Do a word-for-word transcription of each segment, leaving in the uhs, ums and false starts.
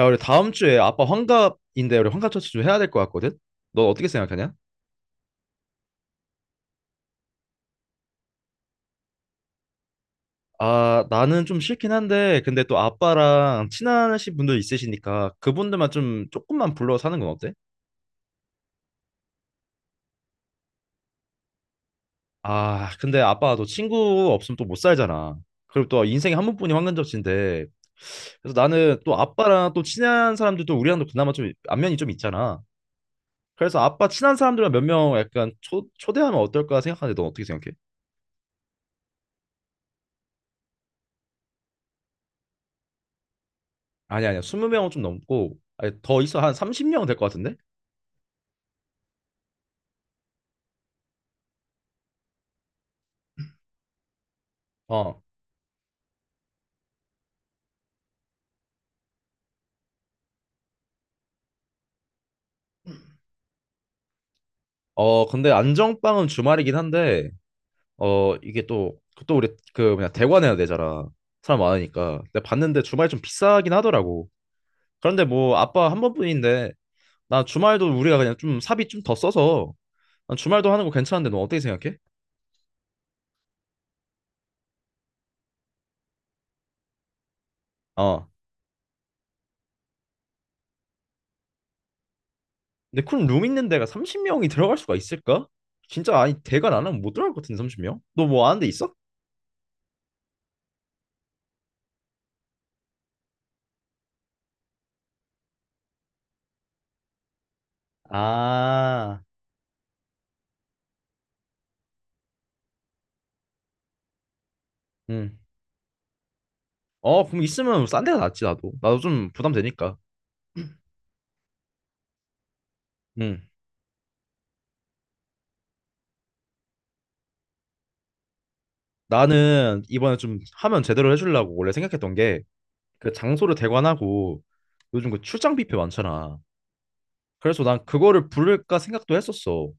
야, 우리 다음 주에 아빠 환갑인데 우리 환갑 잔치 좀 해야 될 것 같거든? 너 어떻게 생각하냐? 아, 나는 좀 싫긴 한데 근데 또 아빠랑 친하신 분들 있으시니까 그분들만 좀 조금만 불러서 하는 건 어때? 아, 근데 아빠가 또 친구 없으면 또 못 살잖아. 그리고 또 인생에 한 번뿐이 환갑 잔치인데 그래서 나는 또 아빠랑 또 친한 사람들도 우리랑도 그나마 좀 안면이 좀 있잖아. 그래서 아빠 친한 사람들만 몇 명 약간 초, 초대하면 어떨까 생각하는데 넌 어떻게 생각해? 아니 아니야. 이십 명은 좀 넘고 아니, 더 있어. 한 삼십 명 될 것 같은데? 어. 어, 근데 안정빵은 주말이긴 한데 어, 이게 또 그 또 우리 그 뭐냐 대관해야 되잖아. 사람 많으니까. 근데 봤는데 주말 좀 비싸긴 하더라고. 그런데 뭐 아빠 한 번뿐인데 나 주말도 우리가 그냥 좀 사비 좀 더 써서 난 주말도 하는 거 괜찮은데 너 어떻게 생각해? 어. 근데 큰 룸 있는 데가 삼십 명이 들어갈 수가 있을까? 진짜 아니 대관 안 하면 못 들어갈 것 같은데 삼십 명? 너 뭐 아는 데 있어? 아, 응. 어, 그럼 있으면 뭐 싼 데가 낫지, 나도. 나도 좀 부담되니까. 응. 나는 이번에 좀 하면 제대로 해주려고 원래 생각했던 게, 그 장소를 대관하고, 요즘 그 출장 뷔페 많잖아. 그래서 난 그거를 부를까 생각도 했었어.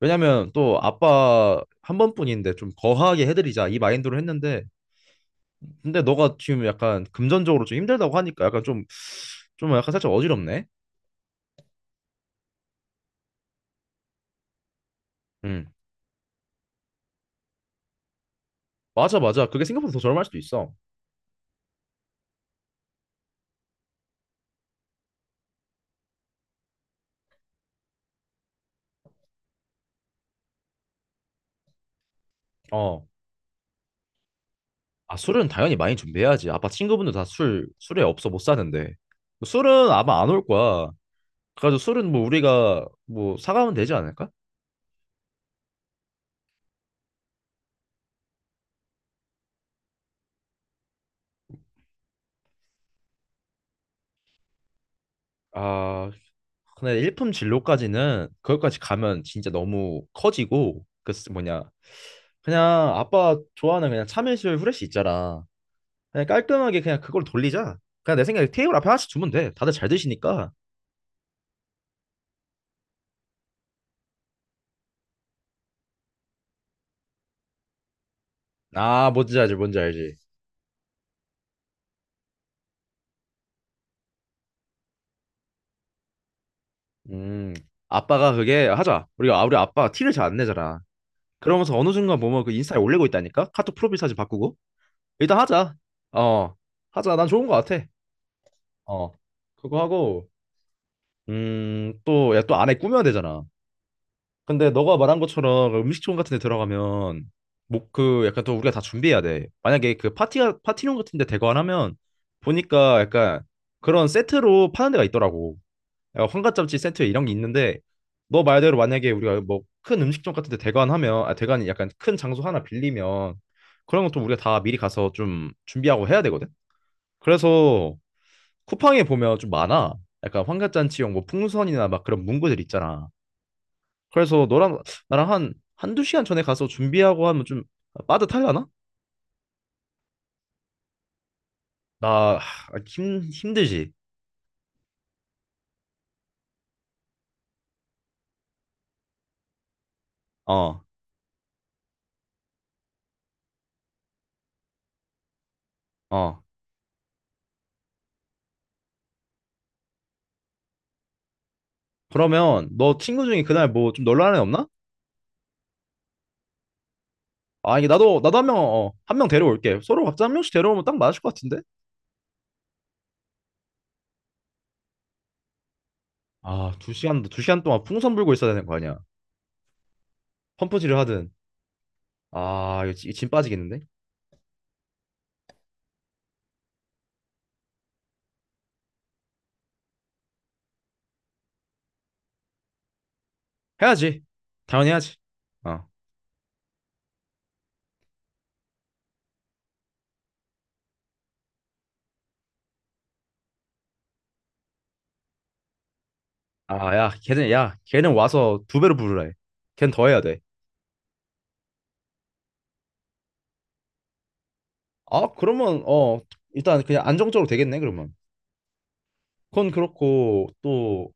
왜냐면 또 아빠 한 번뿐인데 좀 거하게 해드리자 이 마인드로 했는데, 근데 너가 지금 약간 금전적으로 좀 힘들다고 하니까 약간 좀, 좀 약간 살짝 어지럽네. 응. 맞아, 맞아. 그게 생각보다 더 저렴할 수도 있어. 어. 아, 술은 당연히 많이 준비해야지. 아빠 친구분들 다 술, 술에 없어 못 사는데. 술은 아마 안 올 거야. 그래가지고 술은 뭐 우리가 뭐 사가면 되지 않을까? 아, 근데 일품 진로까지는 그것까지 가면 진짜 너무 커지고 그 쓰- 뭐냐 그냥 아빠 좋아하는 그냥 참이슬 후레쉬 있잖아. 그냥 깔끔하게 그냥 그걸 돌리자. 그냥 내 생각에 테이블 앞에 하나씩 주면 돼. 다들 잘 드시니까. 아, 뭔지 알지, 뭔지 알지. 음, 아빠가 그게 하자. 우리가 아, 우리 아빠가 티를 잘 안 내잖아. 그러면서 어느 순간 보면 그 인스타에 올리고 있다니까? 카톡 프로필 사진 바꾸고. 일단 하자. 어, 하자. 난 좋은 거 같아. 어, 그거 하고, 음, 또, 야, 또 안에 꾸며야 되잖아. 근데 너가 말한 것처럼 그 음식점 같은 데 들어가면, 뭐, 그, 약간 또 우리가 다 준비해야 돼. 만약에 그 파티가, 파티룸 같은 데 대관 하면, 보니까 약간 그런 세트로 파는 데가 있더라고. 야, 환가짬치 세트에 이런 게 있는데 너 말대로 만약에 우리가 뭐 큰 음식점 같은 데 대관하면 아 대관이 약간 큰 장소 하나 빌리면 그런 것도 우리가 다 미리 가서 좀 준비하고 해야 되거든. 그래서 쿠팡에 보면 좀 많아. 약간 환갑잔치용 뭐 풍선이나 막 그런 문구들 있잖아. 그래서 너랑 나랑 한 한두 시간 전에 가서 준비하고 하면 좀 빠듯하려나? 나 하, 힘 힘들지. 어. 어. 그러면 너 친구 중에 그날 뭐 좀 놀라는 애 없나? 아, 이게 나도, 나도 한 명, 어, 한 명 데려올게. 서로 각자 한 명씩 데려오면 딱 맞을 것 같은데? 아, 두 시간, 두 시간 동안 풍선 불고 있어야 되는 거 아니야. 펌프질을 하든. 아, 이거 진, 진 빠지겠는데? 해야지. 당연히 해야지. 어. 아, 야, 걔는, 야, 걔는 와서 두 배로 부르라 해. 걘 더 해야 돼. 아, 그러면, 어, 일단 그냥 안정적으로 되겠네, 그러면. 그건 그렇고, 또,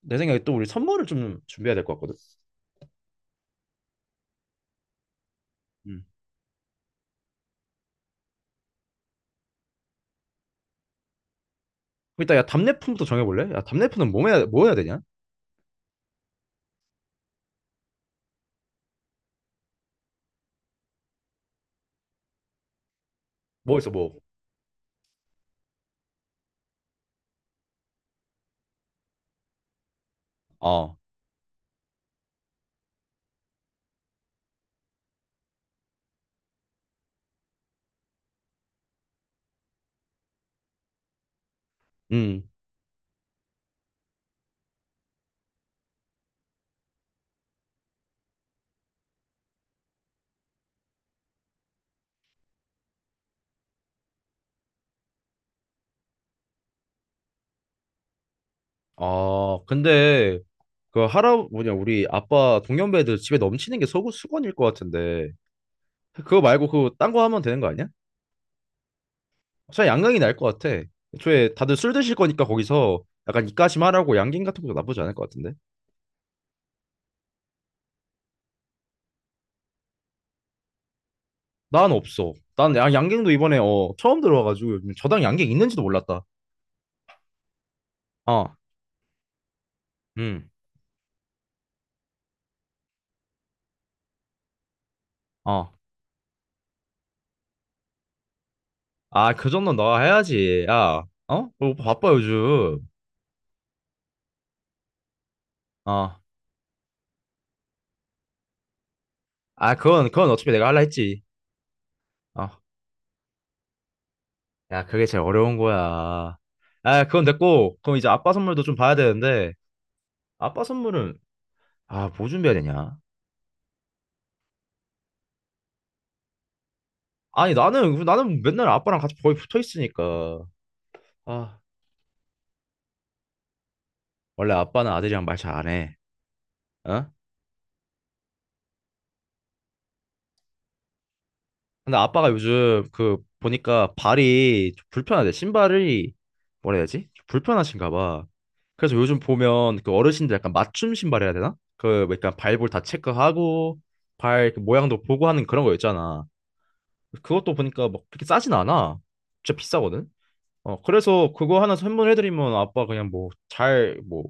내 생각에 또 우리 선물을 좀 준비해야 될 것 같거든. 음. 일단, 야, 답례품부터 정해볼래? 야, 답례품은 뭐 해야, 뭐 해야 되냐? 뭐 있어, 뭐. 어. 음. 아, 근데 그 할아 뭐냐 우리 아빠 동년배들 집에 넘치는 게 서구 수건일 것 같은데 그거 말고 그 딴 거 하면 되는 거 아니야? 차라리 양강이 나을 것 같아. 애초에 다들 술 드실 거니까 거기서 약간 입가심 하라고 양갱 같은 것도 나쁘지 않을 것 같은데. 난 없어. 난 야- 양갱도 이번에 어 처음 들어와가지고 요즘 저당 양갱 있는지도 몰랐다. 어, 음, 어. 아, 그 정도는 너가 해야지. 야, 어? 오빠 바빠 요즘. 어. 아, 그건 그건 어차피 내가 할라 했지. 어. 야, 그게 제일 어려운 거야. 아, 그건 됐고, 그럼 이제 아빠 선물도 좀 봐야 되는데, 아빠 선물은, 아, 뭐 준비해야 되냐? 아니, 나는, 나는 맨날 아빠랑 같이 거의 붙어 있으니까. 아, 원래 아빠는 아들이랑 말 잘 안 해. 어? 근데 아빠가 요즘 그, 보니까 발이 좀 불편하대. 신발이, 뭐라 해야 되지? 좀 불편하신가 봐. 그래서 요즘 보면 그 어르신들 약간 맞춤 신발 해야 되나? 그, 뭐 약간 발볼 다 체크하고, 발그 모양도 보고 하는 그런 거 있잖아. 그것도 보니까 막 그렇게 싸진 않아. 진짜 비싸거든. 어, 그래서 그거 하나 선물해드리면 아빠 그냥 뭐 잘 뭐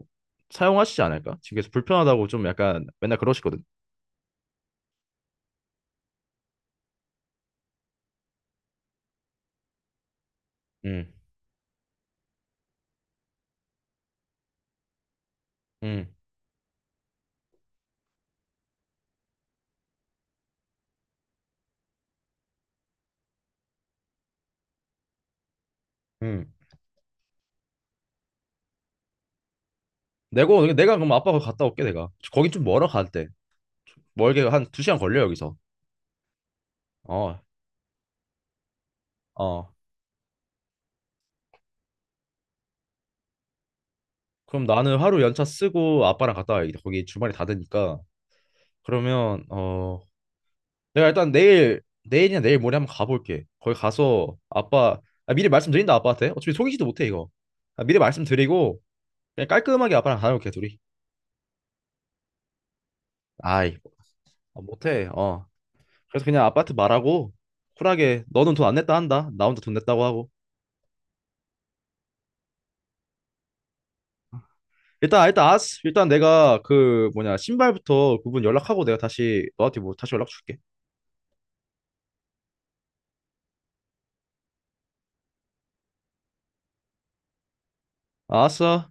사용하시지 않을까? 그래서 불편하다고 좀 약간 맨날 그러시거든. 응, 응, 응. 내가 내가 그럼 아빠 거 갔다 올게 내가. 거긴 좀 멀어 갈 때. 좀 멀게 한 두 시간 걸려 여기서. 어, 어. 그럼 나는 하루 연차 쓰고 아빠랑 갔다 와야겠다. 거기 주말에 닫으니까. 그러면 어 내가 일단 내일 내일이나 내일 모레 한번 가볼게. 거기 가서 아빠 아, 미리 말씀드린다 아빠한테. 어차피 속이지도 못해 이거. 아, 미리 말씀드리고 그냥 깔끔하게 아빠랑 다녀올게 둘이. 아이 아, 못해. 어. 그래서 그냥 아빠한테 말하고 쿨하게 너는 돈 안 냈다 한다. 나 혼자 돈 냈다고 하고. 일단 일단 아스 일단 내가 그 뭐냐 신발부터 그분 연락하고 내가 다시 너한테 뭐 다시 연락 줄게. 알았어.